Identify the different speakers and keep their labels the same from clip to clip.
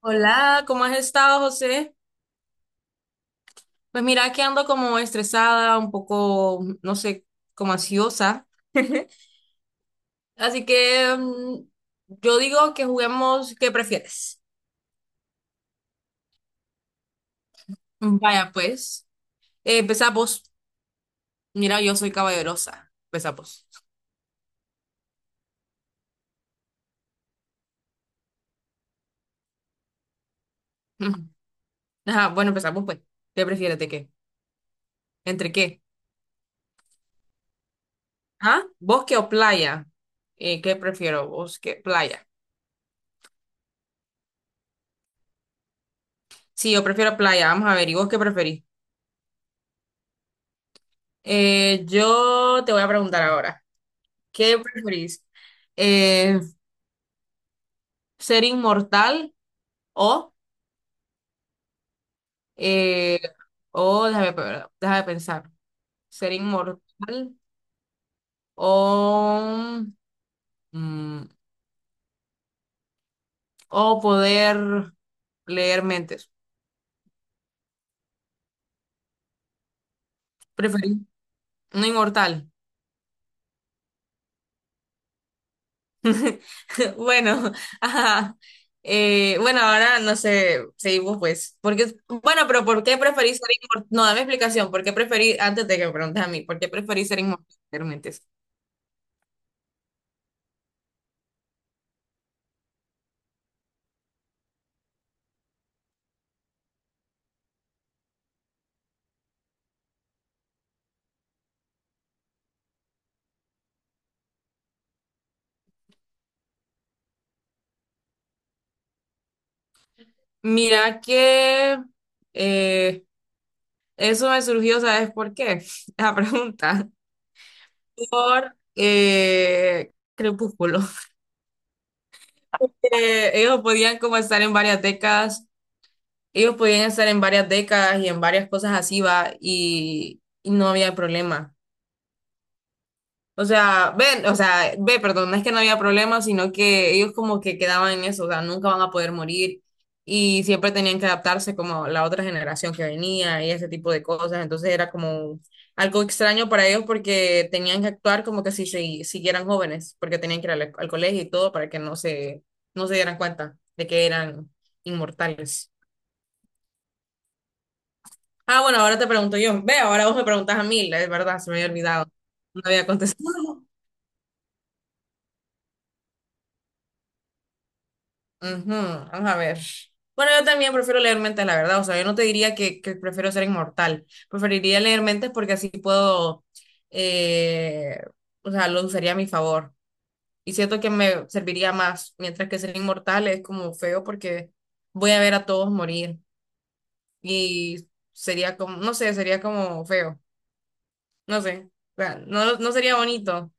Speaker 1: Hola, ¿cómo has estado, José? Pues mira que ando como estresada, un poco, no sé, como ansiosa. Así que yo digo que juguemos, ¿qué prefieres? Vaya, pues. Empezamos. Mira, yo soy caballerosa. Empezamos. Ujú. Ajá, bueno, empezamos pues. ¿Qué prefieres de qué? ¿Entre qué? ¿Ah? ¿Bosque o playa? ¿Qué prefiero? ¿Bosque, playa? Sí, yo prefiero playa. Vamos a ver, ¿y vos qué preferís? Yo te voy a preguntar ahora. ¿Qué preferís? Eh, ¿Ser inmortal o, eh, o déjame, déjame pensar, ser inmortal o, mm, o poder leer mentes? ¿Preferís? No inmortal. Bueno, ajá. Bueno, ahora no sé, seguimos pues. Porque, bueno, pero ¿por qué preferís ser inmortal? No, dame explicación. ¿Por qué preferís, antes de que me preguntes a mí, ¿por qué preferís ser inmortal? ¿Leer mentes? Mira que eh, eso me surgió, ¿sabes por qué? La pregunta. Por Crepúsculo. Ellos podían como estar en varias décadas, ellos podían estar en varias décadas y en varias cosas así, va, y no había problema. O sea, ven, o sea, ve, perdón, no es que no había problema, sino que ellos como que quedaban en eso, o sea, nunca van a poder morir y siempre tenían que adaptarse como la otra generación que venía y ese tipo de cosas, entonces era como algo extraño para ellos porque tenían que actuar como que si se siguieran jóvenes, porque tenían que ir al colegio y todo para que no se, no se dieran cuenta de que eran inmortales. Ah, bueno, ahora te pregunto yo, ve, ahora vos me preguntás a mí, es verdad, se me había olvidado, no había contestado. Ujú. Vamos a ver. Bueno, yo también prefiero leer mentes, la verdad. O sea, yo no te diría que prefiero ser inmortal. Preferiría leer mentes porque así puedo, eh, o sea, lo usaría a mi favor. Y siento que me serviría más, mientras que ser inmortal es como feo porque voy a ver a todos morir. Y sería como, no sé, sería como feo. No sé. O sea, no, no sería bonito.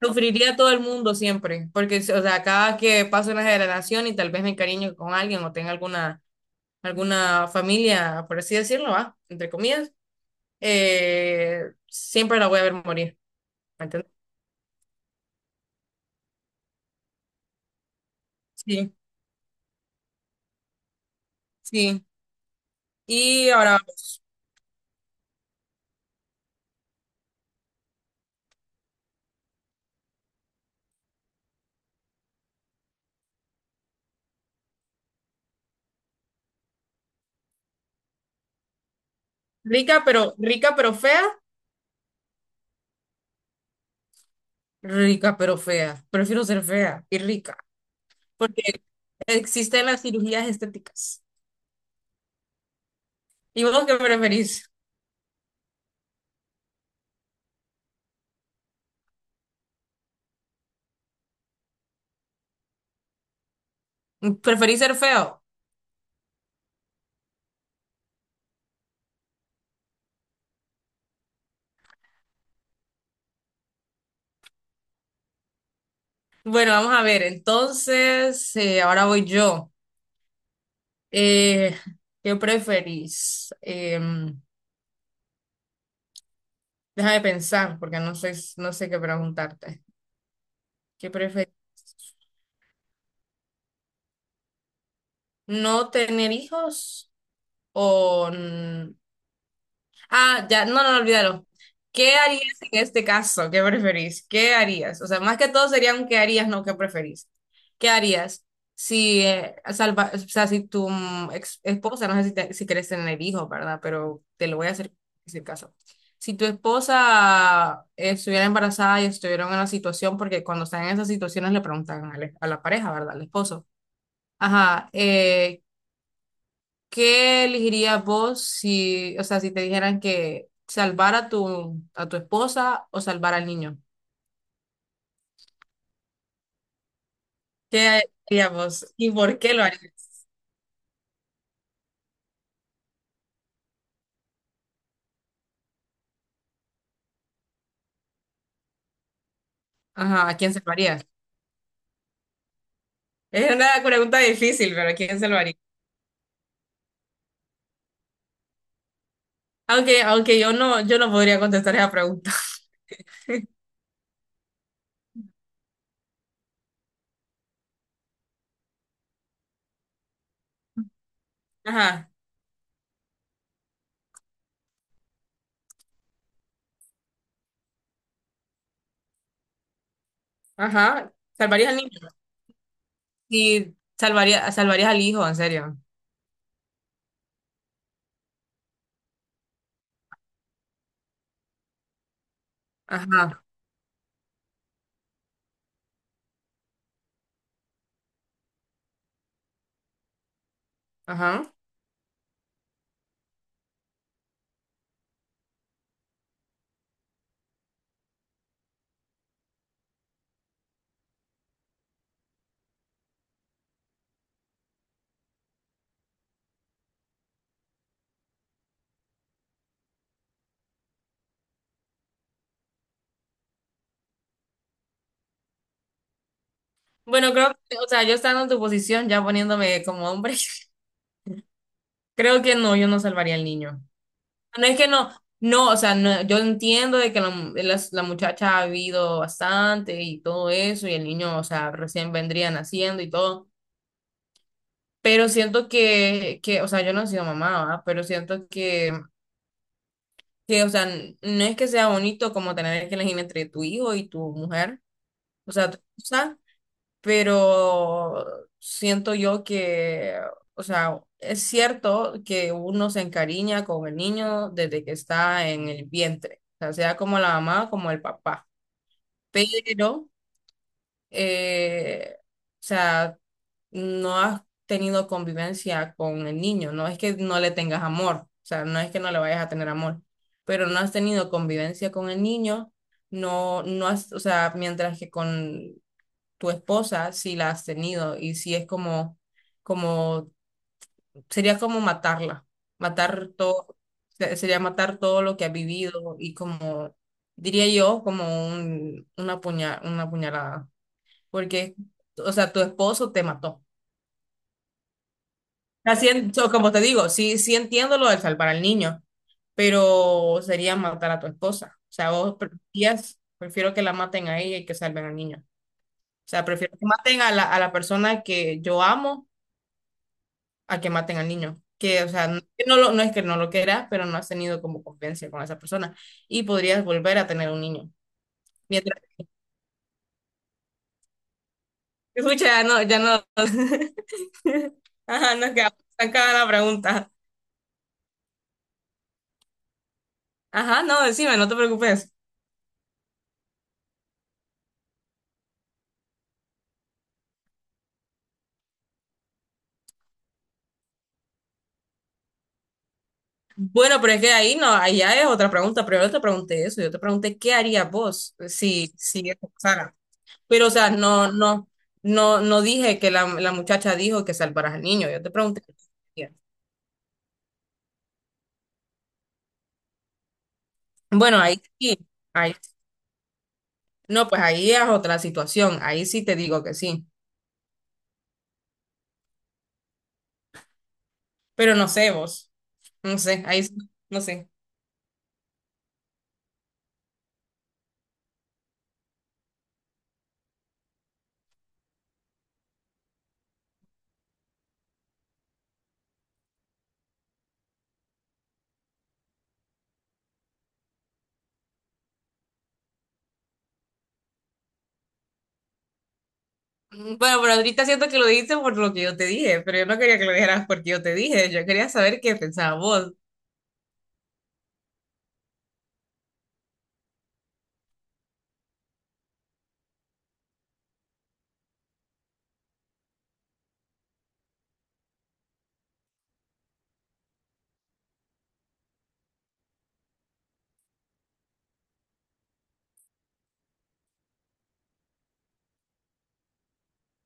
Speaker 1: Sufriría a todo el mundo siempre, porque, o sea, cada que paso una generación y tal vez me encariño con alguien o tenga alguna alguna familia, por así decirlo, va, entre comillas, siempre la voy a ver morir, ¿me entiendes? Sí, sí. Y ahora, vamos. Rica pero, rica pero fea, rica pero fea. Prefiero ser fea y rica, porque existen las cirugías estéticas. ¿Y vos qué preferís? ¿Preferís ser feo? Bueno, vamos a ver, entonces, ahora voy yo. Eh, ¿Qué preferís? Deja de pensar, porque no sé qué preguntarte. ¿Qué prefieres? ¿No tener hijos o, ah, ya, no, no, olvídalo. ¿Qué harías en este caso? ¿Qué preferís? ¿Qué harías? O sea, más que todo sería un qué harías, no qué preferís. ¿Qué harías si, salva, o sea, si tu esposa, no sé si, si quieres tener hijos, ¿verdad? Pero te lo voy a hacer ese caso. Si tu esposa estuviera embarazada y estuviera en una situación, porque cuando están en esas situaciones le preguntan a la pareja, ¿verdad? Al esposo. Ajá, ¿qué elegirías vos si, o sea, si te dijeran que salvar a tu esposa o salvar al niño? ¿Qué harías vos? ¿Y por qué lo harías? Ajá, ¿a quién salvarías? Es una pregunta difícil, pero ¿a quién salvarías? Aunque, aunque yo no podría contestar esa pregunta. Ajá. Ajá. ¿Salvarías al niño? Sí, salvaría, salvarías al hijo, en serio. Ajá, ajá. Bueno, creo que, o sea, yo estando en tu posición, ya poniéndome como hombre, creo que no, yo no salvaría al niño. No es que no, no, o sea, no, yo entiendo de que la, las- la muchacha ha vivido bastante y todo eso, y el niño, o sea, recién vendría naciendo y todo, pero siento que, o sea, yo no he sido mamá, ¿va? Pero siento que, o sea, no es que sea bonito como tener que elegir entre tu hijo y tu mujer, o sea, tu pero siento yo que, o sea, es cierto que uno se encariña con el niño desde que está en el vientre, o sea, sea como la mamá como el papá, pero, o sea, no has tenido convivencia con el niño, no es que no le tengas amor, o sea, no es que no le vayas a tener amor, pero no has tenido convivencia con el niño. No, no has, o sea, mientras que con tu esposa si la has tenido y si es como, como, sería como matarla, matar todo, sería matar todo lo que has vivido y como, diría yo, como un, una puña, una puñalada, porque, o sea, tu esposo te mató. Así, so, como te digo, sí, sí entiendo lo de salvar al niño, pero sería matar a tu esposa. O sea, vos preferías, prefiero que la maten a ella y que salven al niño. O sea, prefiero que maten a la persona que yo amo a que maten al niño. Que, o sea, no, que no lo, no es que no lo quieras, pero no has tenido como convivencia con esa persona y podrías volver a tener un niño. Mientras, escucha, ya no, ya no. Ajá, nos quedamos estancada la pregunta. Ajá, no, decime, no te preocupes. Bueno, pero es que ahí no, ahí ya es otra pregunta, pero yo te pregunté eso, yo te pregunté qué harías vos si, si eso pasara. Pero, o sea, no, no, no, no dije que la muchacha dijo que salvaras al niño, yo te pregunté qué harías. Bueno, ahí sí. Ahí no, pues ahí es otra situación, ahí sí te digo que sí, pero no sé vos, no sé, ahí sí, no sé. Bueno, pero ahorita siento que lo dijiste por lo que yo te dije, pero yo no quería que lo dijeras porque yo te dije, yo quería saber qué pensabas vos.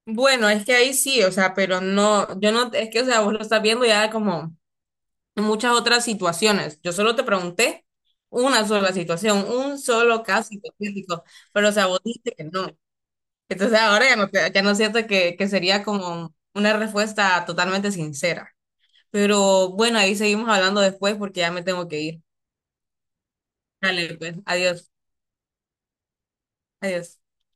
Speaker 1: Bueno, es que ahí sí, o sea, pero no, yo no, es que, o sea, vos lo estás viendo ya como en muchas otras situaciones. Yo solo te pregunté una sola situación, un solo caso hipotético, pero, o sea, vos dijiste que no. Entonces ahora ya no, ya no siento que sería como una respuesta totalmente sincera. Pero bueno, ahí seguimos hablando después porque ya me tengo que ir. Dale, pues, adiós, adiós.